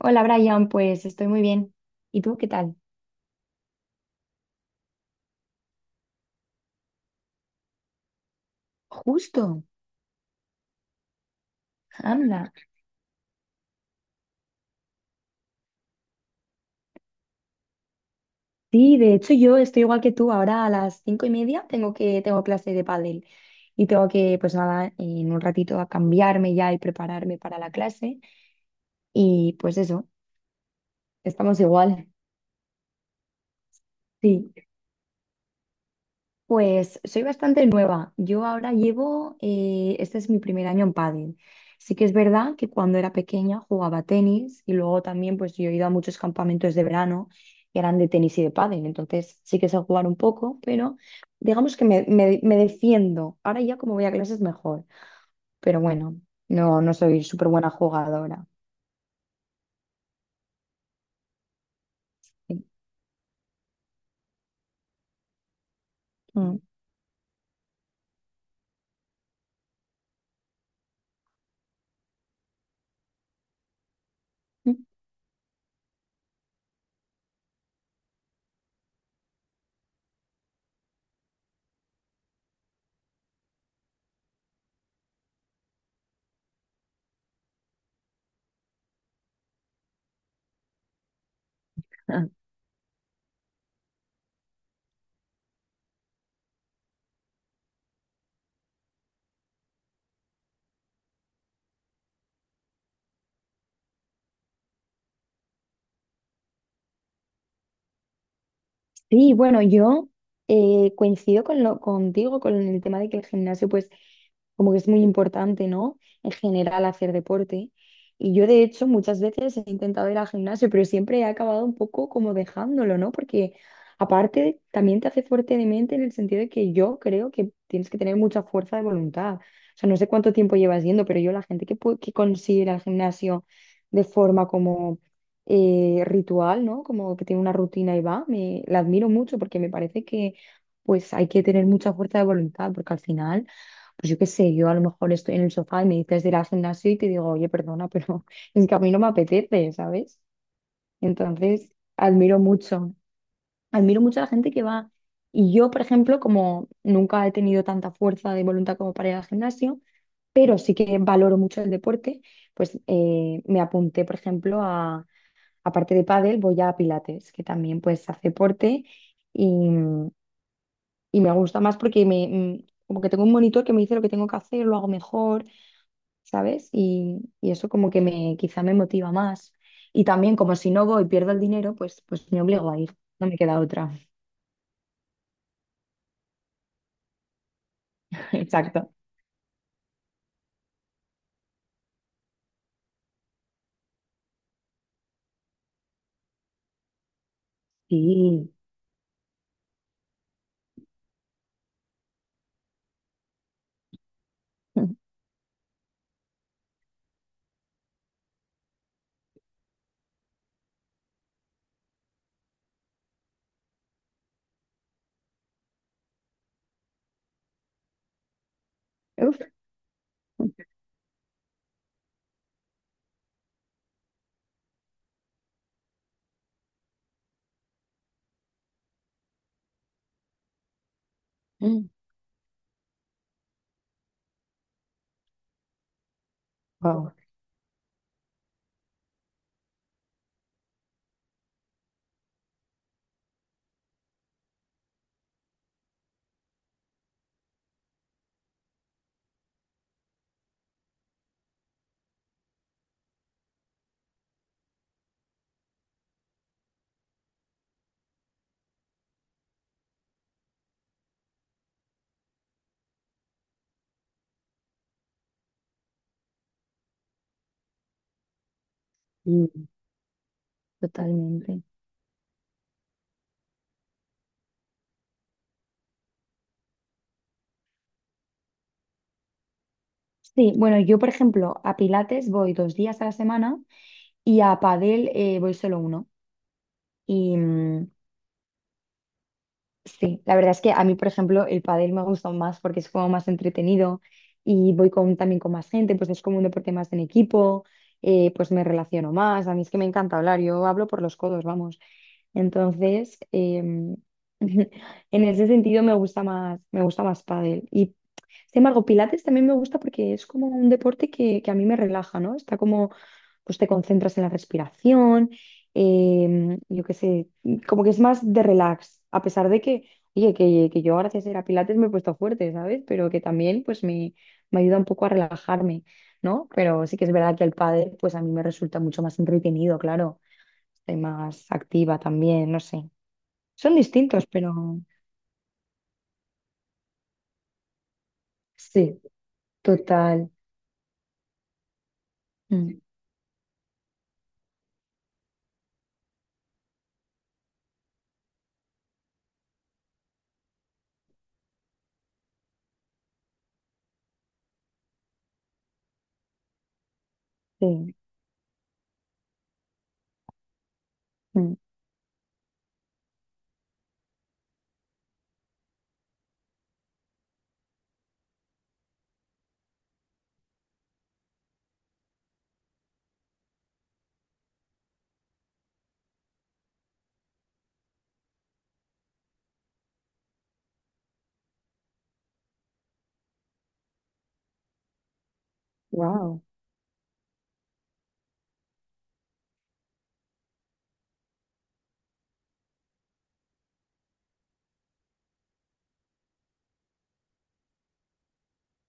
Hola Brian, pues estoy muy bien. ¿Y tú qué tal? Justo, anda. Sí, de hecho yo estoy igual que tú. Ahora a las 5:30 tengo clase de pádel y tengo que, pues nada, en un ratito a cambiarme ya y prepararme para la clase. Y pues eso, estamos igual. Sí. Pues soy bastante nueva. Yo ahora llevo, este es mi 1.er año en pádel. Sí que es verdad que cuando era pequeña jugaba tenis y luego también pues yo he ido a muchos campamentos de verano que eran de tenis y de pádel. Entonces sí que sé jugar un poco, pero digamos que me defiendo. Ahora ya como voy a clases mejor, pero bueno, no, no soy súper buena jugadora. Sí. Mm. Sí, bueno, yo coincido con contigo con el tema de que el gimnasio, pues, como que es muy importante, ¿no? En general, hacer deporte. Y yo, de hecho, muchas veces he intentado ir al gimnasio, pero siempre he acabado un poco como dejándolo, ¿no? Porque aparte, también te hace fuerte de mente en el sentido de que yo creo que tienes que tener mucha fuerza de voluntad. O sea, no sé cuánto tiempo llevas yendo, pero yo la gente que, que consigue ir al gimnasio de forma como ritual, ¿no? Como que tiene una rutina y va. La admiro mucho porque me parece que pues hay que tener mucha fuerza de voluntad porque al final, pues yo qué sé, yo a lo mejor estoy en el sofá y me dices de ir al gimnasio y te digo, oye, perdona, pero es que a mí no me apetece, ¿sabes? Entonces, admiro mucho. Admiro mucho a la gente que va. Y yo, por ejemplo, como nunca he tenido tanta fuerza de voluntad como para ir al gimnasio, pero sí que valoro mucho el deporte, pues me apunté, por ejemplo, a aparte de pádel, voy a pilates, que también pues hace deporte y, y me gusta más porque como que tengo un monitor que me dice lo que tengo que hacer, lo hago mejor, ¿sabes? Y eso como que quizá me motiva más. Y también como si no voy y pierdo el dinero, pues me obligo a ir, no me queda otra. Exacto. Sí. Uf. Mm. Wow. Sí, totalmente. Sí, bueno, yo por ejemplo a Pilates voy dos días a la semana y a Padel voy solo uno. y mm, Sí, la verdad es que a mí, por ejemplo, el pádel me ha gustado más porque es como más entretenido y voy con, también con más gente, pues es como un deporte más en equipo, pues me relaciono más. A mí es que me encanta hablar, yo hablo por los codos, vamos. Entonces, en ese sentido me gusta más pádel. Y sin embargo, Pilates también me gusta porque es como un deporte que a mí me relaja, ¿no? Está como pues te concentras en la respiración, yo qué sé, como que es más de relax, a pesar de que, oye, que yo gracias a ir a Pilates me he puesto fuerte, ¿sabes? Pero que también me ayuda un poco a relajarme, ¿no? Pero sí que es verdad que el pádel pues a mí me resulta mucho más entretenido, claro, estoy más activa también, no sé. Son distintos, pero sí, total. Mm, sí, wow.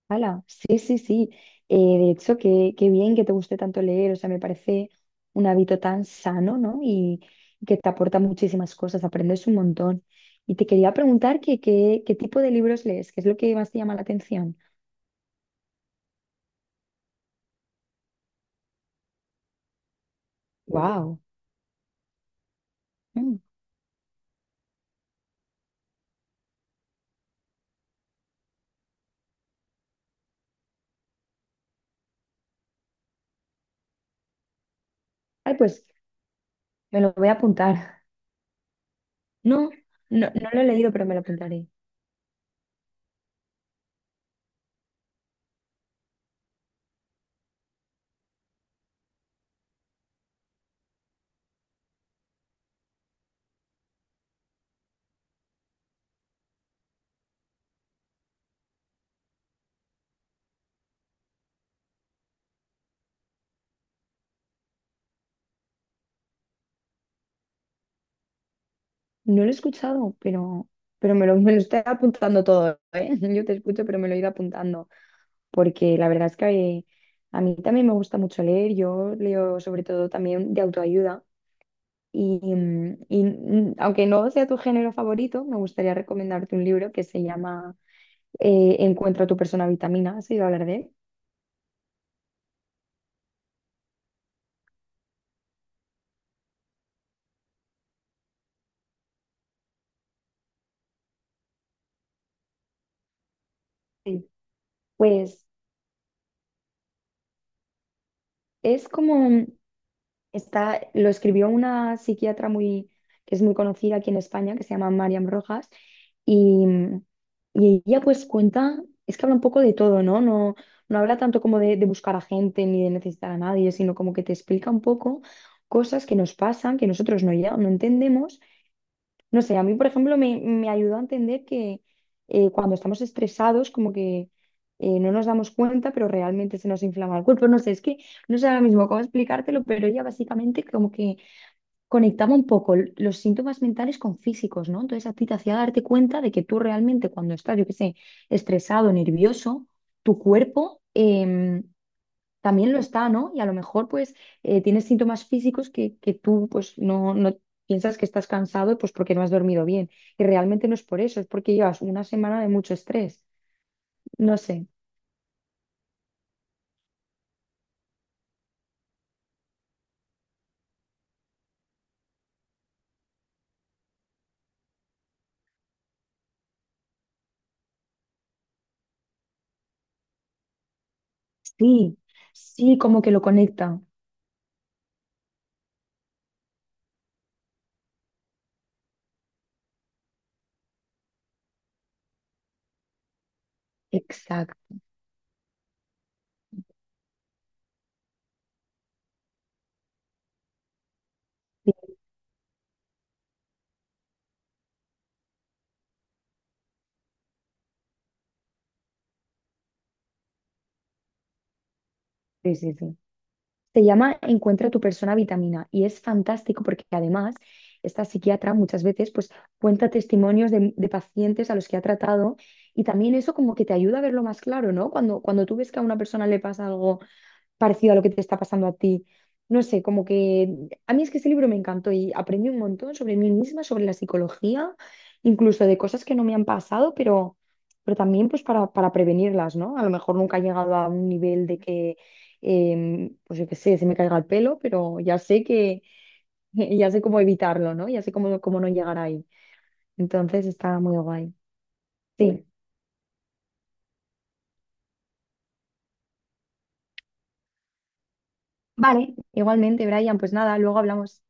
Hala, sí, sí, sí. De hecho, qué bien que te guste tanto leer, o sea, me parece un hábito tan sano, ¿no? Y que te aporta muchísimas cosas, aprendes un montón. Y te quería preguntar que, qué tipo de libros lees, qué es lo que más te llama la atención. Wow. Ay, pues me lo voy a apuntar. No, no, no lo he leído, pero me lo apuntaré. No lo he escuchado, pero me lo estoy apuntando todo, ¿eh? Yo te escucho, pero me lo he ido apuntando. Porque la verdad es que a mí también me gusta mucho leer, yo leo sobre todo también de autoayuda y aunque no sea tu género favorito, me gustaría recomendarte un libro que se llama Encuentra tu persona vitamina, ¿has oído hablar de él? Sí. Pues es como... Está, lo escribió una psiquiatra muy, que es muy conocida aquí en España, que se llama Mariam Rojas, y, mm, y ella pues cuenta, es que habla un poco de todo, ¿no? No, no habla tanto como de buscar a gente ni de necesitar a nadie, sino como que te explica un poco cosas que nos pasan, que nosotros no entendemos. No sé, a mí, por ejemplo, me ayudó a entender que cuando estamos estresados, como que no nos damos cuenta, pero realmente se nos inflama el cuerpo. No sé, es que no sé ahora mismo cómo explicártelo, pero ella básicamente como que conectaba un poco los síntomas mentales con físicos, ¿no? Entonces a ti te hacía darte cuenta de que tú realmente cuando estás, yo qué sé, estresado, nervioso, tu cuerpo... también lo está, ¿no? Y a lo mejor pues tienes síntomas físicos que tú pues no, no piensas que estás cansado pues porque no has dormido bien. Y realmente no es por eso, es porque llevas una semana de mucho estrés. No sé. Sí, sí, como que lo conecta. Exacto. Sí, sí, sí. Sí. Se llama Encuentra tu persona vitamina y es fantástico porque además esta psiquiatra muchas veces pues cuenta testimonios de pacientes a los que ha tratado y también eso como que te ayuda a verlo más claro, ¿no? Cuando tú ves que a una persona le pasa algo parecido a lo que te está pasando a ti. No sé, como que a mí es que ese libro me encantó y aprendí un montón sobre mí misma, sobre la psicología, incluso de cosas que no me han pasado, pero también pues para prevenirlas, ¿no? A lo mejor nunca he llegado a un nivel de que, pues yo qué sé, se me caiga el pelo, pero ya sé que, ya sé cómo evitarlo, ¿no? Ya sé cómo, cómo no llegar ahí. Entonces está muy guay. Sí. Vale, igualmente, Brian, pues nada, luego hablamos.